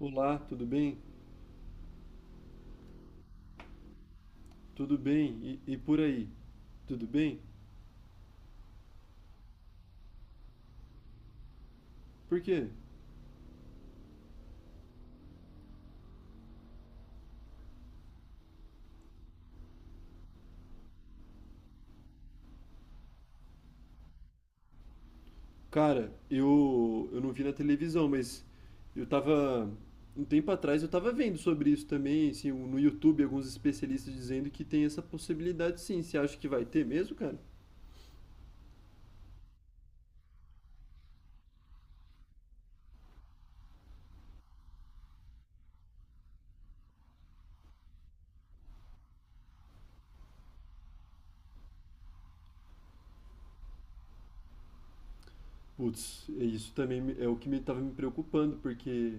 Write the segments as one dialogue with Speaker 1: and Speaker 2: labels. Speaker 1: Olá, tudo bem? Tudo bem? E por aí? Tudo bem? Por quê? Cara, eu não vi na televisão, mas eu tava. Um tempo atrás eu tava vendo sobre isso também, assim, no YouTube, alguns especialistas dizendo que tem essa possibilidade sim. Você acha que vai ter mesmo, cara? Putz, é isso também é o que me estava me preocupando, porque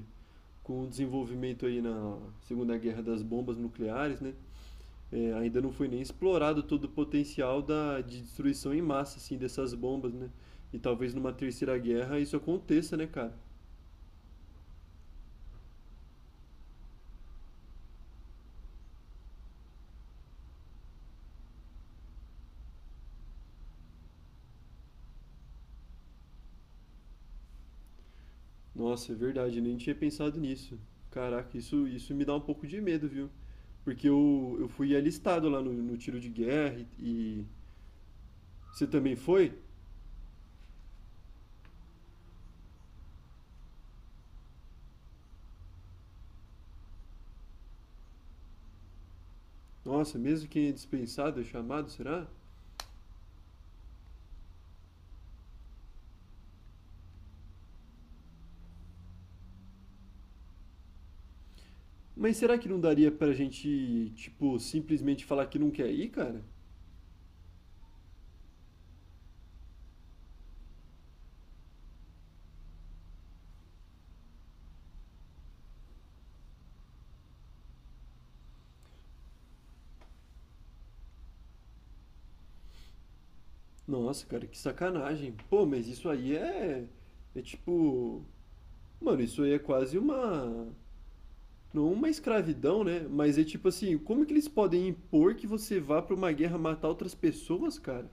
Speaker 1: com o desenvolvimento aí na Segunda Guerra das bombas nucleares, né? Ainda não foi nem explorado todo o potencial de destruição em massa, assim, dessas bombas, né? E talvez numa terceira guerra isso aconteça, né, cara? Nossa, é verdade, eu nem tinha pensado nisso. Caraca, isso me dá um pouco de medo, viu? Porque eu fui alistado lá no tiro de guerra e... Você também foi? Nossa, mesmo quem é dispensado é chamado, será? Mas será que não daria pra gente, tipo, simplesmente falar que não quer ir, cara? Nossa, cara, que sacanagem. Pô, mas isso aí é. É tipo. Mano, isso aí é quase uma. Não uma escravidão, né? Mas é tipo assim, como que eles podem impor que você vá pra uma guerra matar outras pessoas, cara?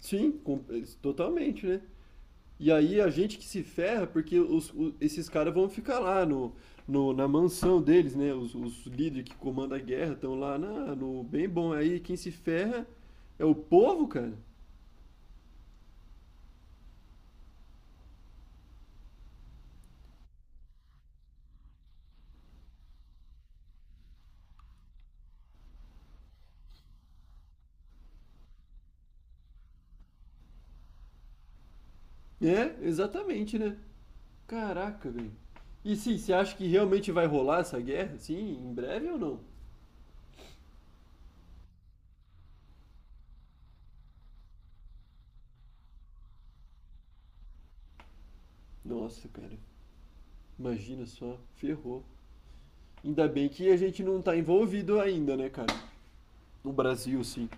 Speaker 1: Sim, totalmente, né? E aí a gente que se ferra, porque esses caras vão ficar lá na mansão deles, né? Os líderes que comandam a guerra estão lá no bem bom. Aí quem se ferra é o povo, cara. É, exatamente, né? Caraca, velho. E sim, você acha que realmente vai rolar essa guerra, assim, em breve ou não? Nossa, cara, imagina só, ferrou. Ainda bem que a gente não tá envolvido ainda, né, cara? No Brasil, sim.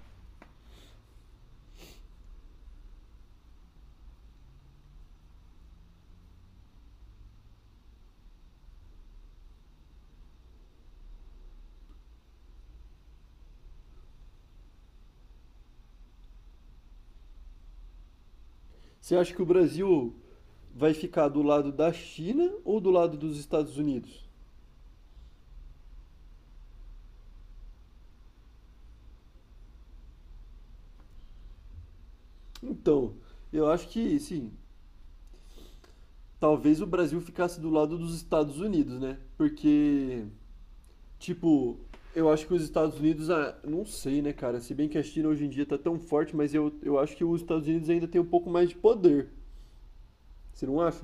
Speaker 1: Você acha que o Brasil vai ficar do lado da China ou do lado dos Estados Unidos? Então, eu acho que, sim, talvez o Brasil ficasse do lado dos Estados Unidos, né? Porque tipo, eu acho que os Estados Unidos, ah, não sei, né, cara? Se bem que a China hoje em dia tá tão forte, mas eu acho que os Estados Unidos ainda tem um pouco mais de poder. Você não acha?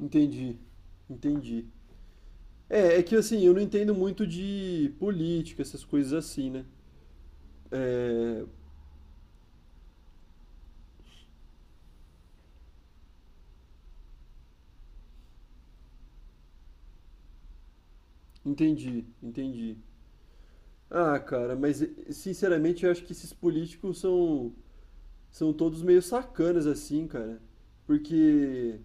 Speaker 1: Entendi. Entendi. É que assim, eu não entendo muito de política, essas coisas assim, né? Entendi, entendi. Ah, cara, mas sinceramente eu acho que esses políticos são. São todos meio sacanas assim, cara. Porque,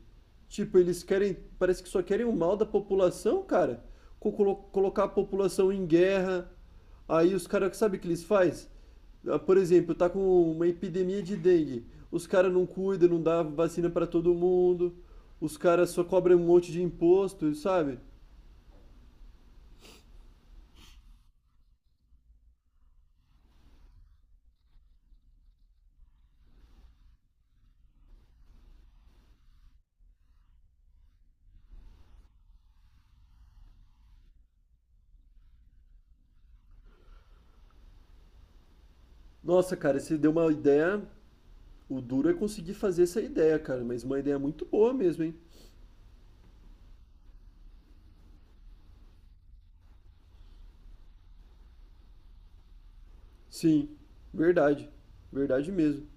Speaker 1: tipo, eles querem, parece que só querem o mal da população, cara. Colocar a população em guerra. Aí os caras, sabe o que eles faz? Ah, por exemplo, tá com uma epidemia de dengue. Os caras não cuidam, não dá vacina pra todo mundo. Os caras só cobram um monte de imposto, sabe? Nossa, cara, você deu uma ideia. O duro é conseguir fazer essa ideia, cara, mas uma ideia muito boa mesmo, hein? Sim, verdade. Verdade mesmo.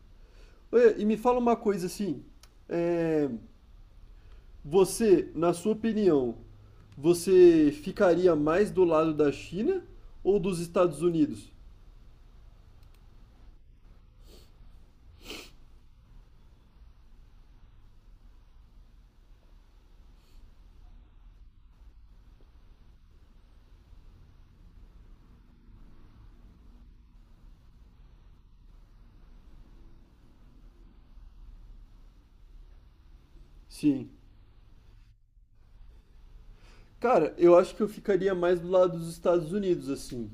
Speaker 1: Olha, e me fala uma coisa assim, é, você, na sua opinião, você ficaria mais do lado da China ou dos Estados Unidos? Sim. Cara, eu acho que eu ficaria mais do lado dos Estados Unidos, assim.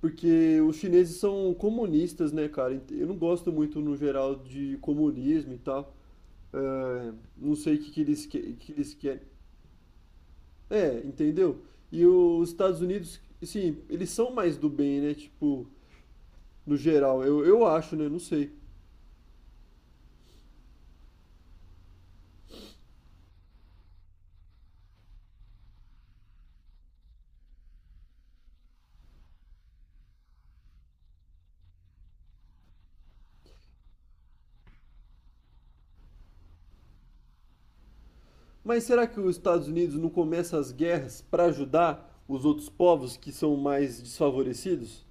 Speaker 1: Porque os chineses são comunistas, né, cara? Eu não gosto muito, no geral, de comunismo e tal. É, não sei o que que eles querem. É, entendeu? E os Estados Unidos, sim, eles são mais do bem, né? Tipo, no geral, eu acho, né? Não sei. Mas será que os Estados Unidos não começa as guerras para ajudar os outros povos que são mais desfavorecidos?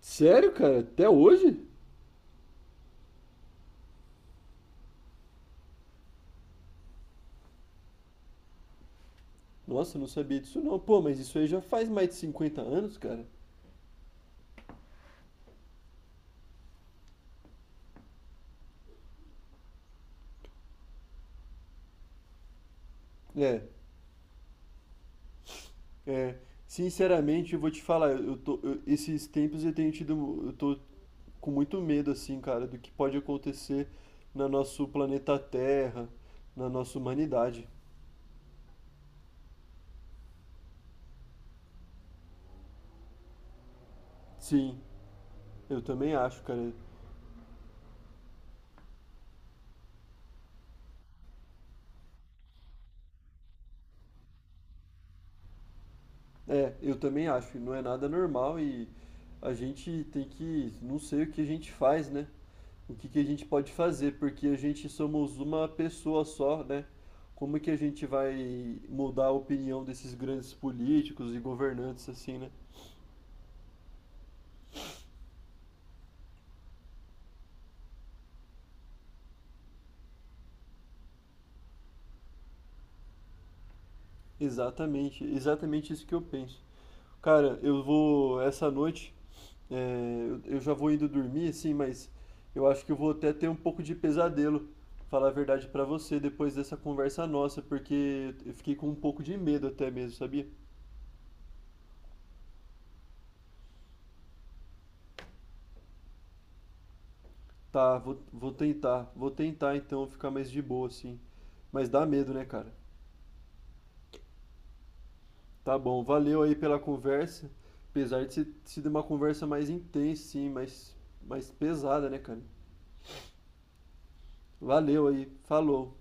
Speaker 1: Sério, cara? Até hoje? Nossa, eu não sabia disso não. Pô, mas isso aí já faz mais de 50 anos, cara. É, é. Sinceramente, eu vou te falar, eu tô, esses tempos eu tenho tido, eu tô com muito medo, assim, cara, do que pode acontecer na nosso planeta Terra, na nossa humanidade. Sim, eu também acho, cara. É, eu também acho. Não é nada normal e a gente tem que, não sei o que a gente faz, né? O que que a gente pode fazer, porque a gente somos uma pessoa só, né? Como que a gente vai mudar a opinião desses grandes políticos e governantes assim, né? Exatamente, exatamente isso que eu penso. Cara, eu vou essa noite. É, eu já vou indo dormir, assim, mas eu acho que eu vou até ter um pouco de pesadelo, falar a verdade pra você, depois dessa conversa nossa, porque eu fiquei com um pouco de medo até mesmo, sabia? Tá, vou tentar então ficar mais de boa, assim. Mas dá medo, né, cara? Tá bom, valeu aí pela conversa, apesar de ser sido uma conversa mais intensa, sim, mais pesada, né, cara? Valeu aí, falou.